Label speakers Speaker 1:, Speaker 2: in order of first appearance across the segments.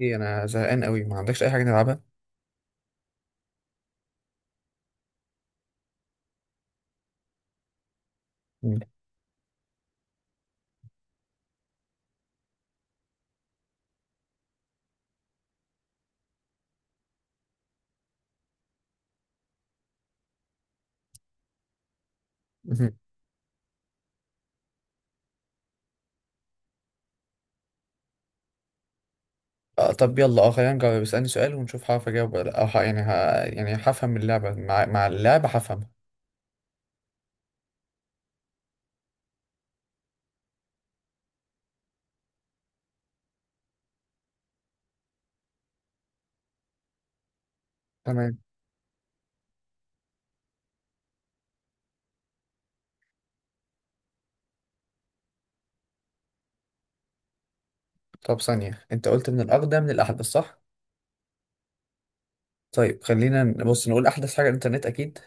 Speaker 1: ايه انا زهقان قوي ما عندكش اي حاجه نلعبها؟ مم. مهم. طب يلا خلينا نجاوب، اسالني سؤال ونشوف هعرف اجاوب ولا لا. او ه- يعني ه... يعني هفهم اللعبه مع اللعبه هفهمها. تمام. طب ثانيه، انت قلت من الاقدم للاحدث صح؟ طيب خلينا نبص نقول احدث حاجه الانترنت اكيد.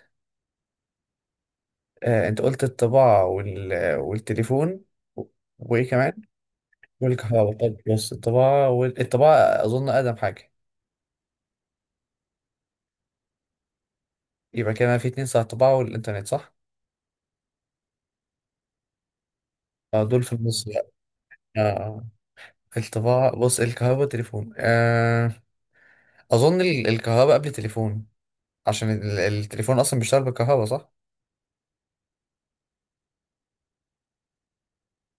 Speaker 1: آه انت قلت الطباعه والتليفون و- وايه كمان؟ والكهرباء. طب بص الطباعه الطباعه اظن اقدم حاجه. يبقى كده في اتنين صح، الطباعه والانترنت صح. آه دول في النص بقى. آه آه. الطباعة بص الكهرباء والتليفون. آه أظن الكهرباء قبل التليفون، عشان التليفون أصلا بيشتغل بالكهرباء صح؟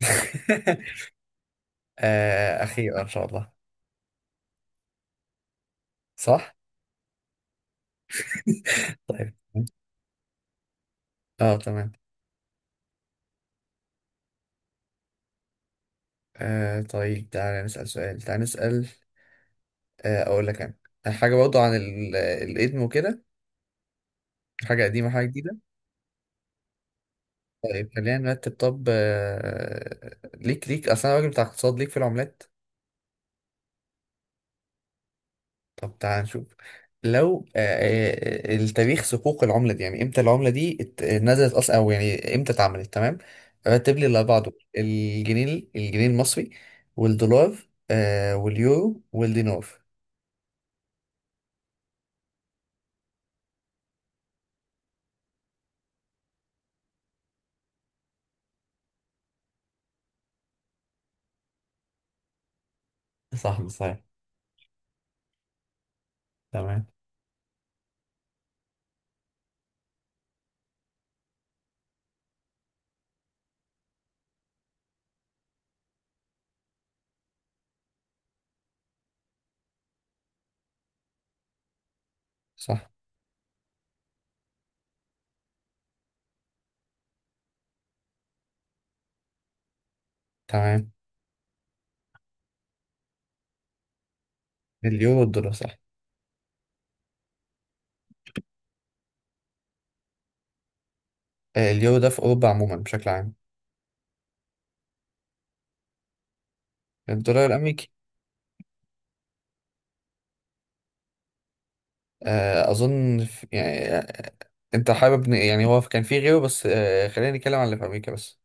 Speaker 1: آه أخيرا إن شاء الله. صح؟ طيب. اه تمام. آه طيب تعالى نسأل سؤال، تعالى نسأل. آه أقول لك. أنا حاجة برضو عن الإدم وكده، حاجة قديمة حاجة جديدة. طيب خلينا نرتب. طب ليك أصلا راجل بتاع اقتصاد، ليك في العملات؟ طب تعال نشوف. لو التاريخ صكوك العملة دي، يعني امتى العملة دي نزلت اصلا، او يعني امتى اتعملت. تمام، رتب لي الاربعة دول: الجنيه، الجنيه المصري، والدولار، واليورو والدينار. صح صحيح. تمام. صح. تمام اليورو والدولار صح. اليورو ده في أوروبا عموما بشكل عام. الدولار الأمريكي. أظن في يعني أنت حابب يعني هو كان في غيره، بس خلينا نتكلم عن اللي في أمريكا بس.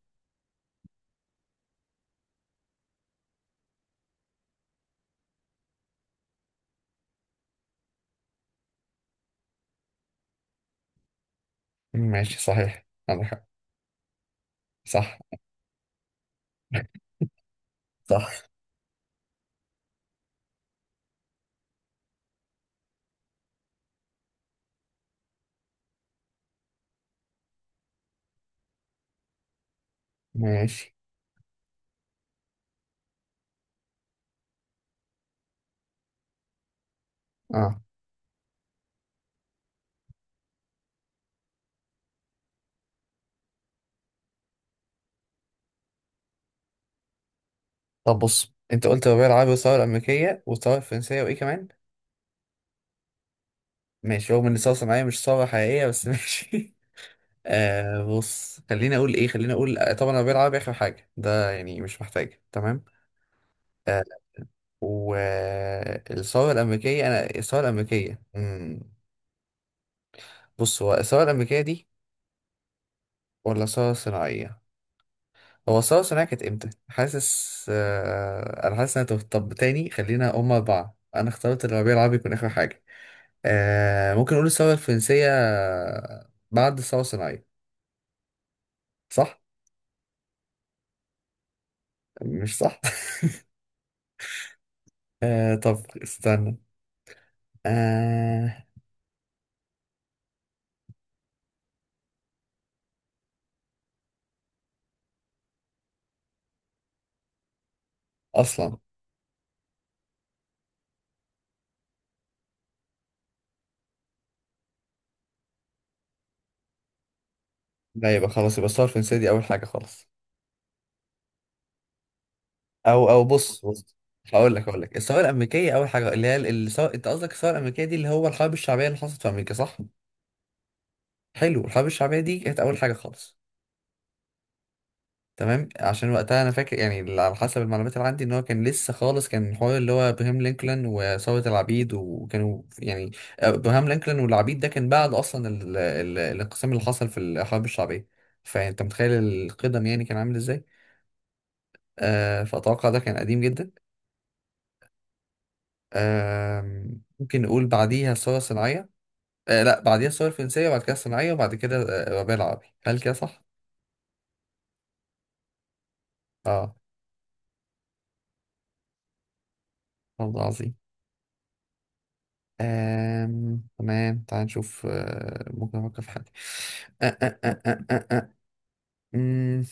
Speaker 1: ماشي صحيح عندك حق. صح. صح. ماشي. اه طب بص انت قلت ببيع العربي والثورة الأمريكية والثورة الفرنسية وإيه كمان؟ ماشي، رغم إن الثورة الصناعية مش ثورة حقيقية بس ماشي. آه بص خليني أقول إيه، خليني أقول طبعا أنا ببيع العربي آخر حاجة، ده يعني مش محتاج. تمام. آه. والثورة الأمريكية، أنا الثورة الأمريكية مم. بص هو الثورة الأمريكية دي ولا الثورة الصناعية؟ هو الثورة الصناعية كانت إمتى؟ حاسس أنا حاسس إن أنا تهت. طب تاني خلينا، هما أربعة، أنا اخترت الربيع العربي يكون آخر حاجة. آه ممكن نقول الثورة الفرنسية بعد الثورة الصناعية صح؟ مش صح؟ آه طب استنى. آه. أصلا لا، يبقى خلاص، يبقى الثورة الفرنسية دي أول حاجة خالص. أو بص بص، هقول لك الثورة الأمريكية أول حاجة اللي هي الثورة، أنت قصدك الثورة الأمريكية دي اللي هو الحرب الشعبية اللي حصلت في أمريكا صح؟ حلو، الحرب الشعبية دي كانت أول حاجة خالص. تمام عشان وقتها انا فاكر، يعني اللي على حسب المعلومات اللي عندي ان هو كان لسه خالص، كان الحوار اللي هو ابراهام لينكولن وثورة العبيد، وكانوا يعني ابراهام لينكولن والعبيد ده كان بعد اصلا الانقسام اللي حصل في الحرب الشعبية، فانت متخيل القدم يعني كان عامل ازاي. فاتوقع ده كان قديم جدا. آه ممكن نقول بعديها الثورة الصناعية. آه لا، بعديها الثورة الفرنسية وبعد كده الصناعية وبعد كده الربيع العربي. هل كده صح؟ اه. والله عظيم. تمام تعال نشوف، ممكن أفكر في حاجة. آ- آ- آ- آ- آ- آ. مم،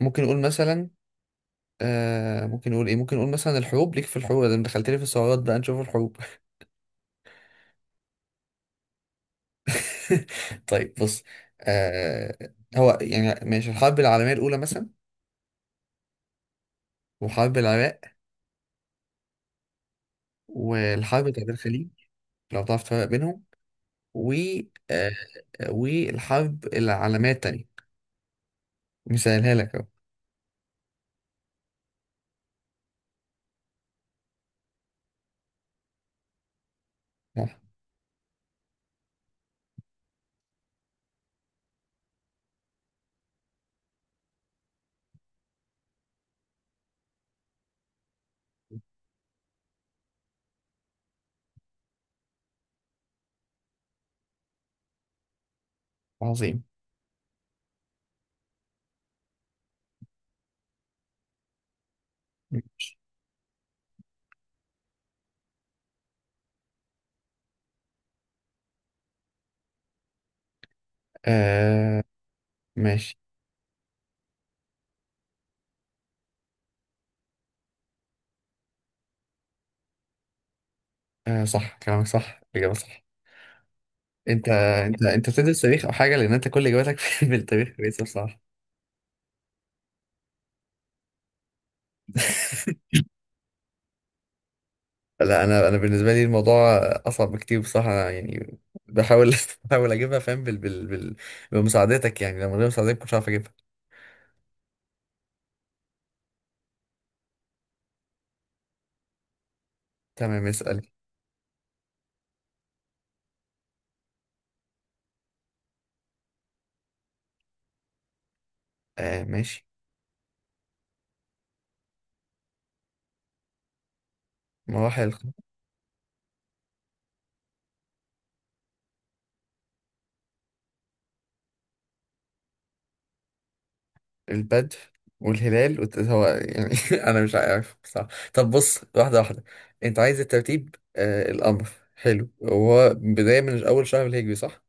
Speaker 1: ممكن نقول مثلا. ممكن نقول إيه، ممكن نقول مثلا الحروب. ليك في الحروب، ده دخلت لي في السعرات، بقى نشوف الحروب. طيب بص. آه... هو يعني ماشي الحرب العالمية الأولى مثلا، وحرب العراق، والحرب بتاعت الخليج، لو تعرف تفرق بينهم، و آه... والحرب العالمية التانية، مثالها لك أهو. آه، عظيم. ماشي. آه... ماشي. آه صح كلامك صح، الإجابة صح. أنت بتدرس تاريخ أو حاجة، لأن أنت كل إجاباتك في التاريخ كويسة بصراحة. لا أنا بالنسبة لي الموضوع أصعب بكتير بصراحة، أنا يعني بحاول بحاول أجيبها فاهم بمساعدتك، يعني لو من غير مساعدتك مش هعرف أجيبها. تمام اسأل. آه ماشي. مراحل البدء والهلال هو يعني أنا مش عارف بصراحة. طب بص، واحدة واحدة. أنت عايز الترتيب، الأمر حلو. هو بداية من أول شهر الهجري صح؟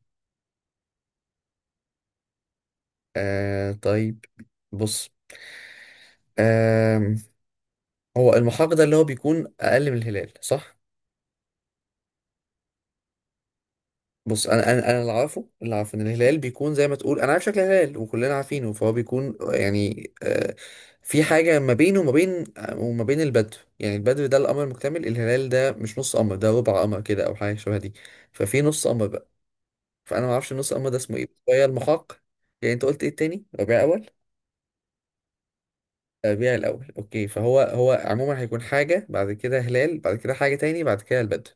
Speaker 1: آه طيب بص. آه. هو المحاق ده اللي هو بيكون اقل من الهلال صح. بص انا اللي عارفه ان الهلال بيكون زي ما تقول، انا عارف شكل الهلال وكلنا عارفينه، فهو بيكون يعني آه في حاجه ما بينه وما بين البدو، يعني البدو ده القمر المكتمل. الهلال ده مش نص قمر، ده ربع قمر كده او حاجه شبه دي، ففي نص قمر بقى، فانا ما اعرفش النص قمر ده اسمه ايه، بس هي المحاق. يعني انت قلت ايه التاني، ربيع اول؟ تربيع الأول أوكي. فهو عموما هيكون حاجة بعد كده هلال، بعد كده حاجة تاني، بعد كده البدر.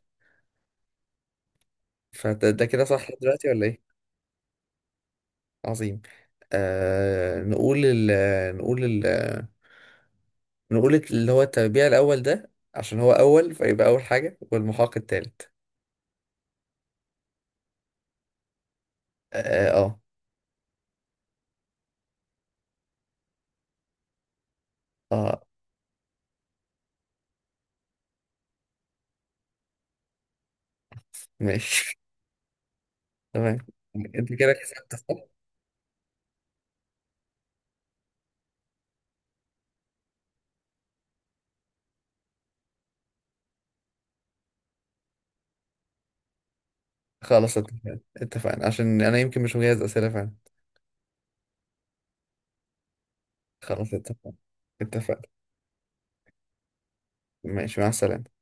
Speaker 1: فده كده صح لحد دلوقتي ولا إيه؟ عظيم. آه نقول ال نقول اللي هو التربيع الأول ده عشان هو أول، فيبقى أول حاجة والمحاق التالت. آه آه, آه ماشي. تمام. أنت كده كسبت صح؟ خلاص اتفقنا، اتفقنا عشان أنا يمكن مش مجهز أسئلة فعلا. خلاص اتفقنا. اتفقنا. ماشي مع السلامة.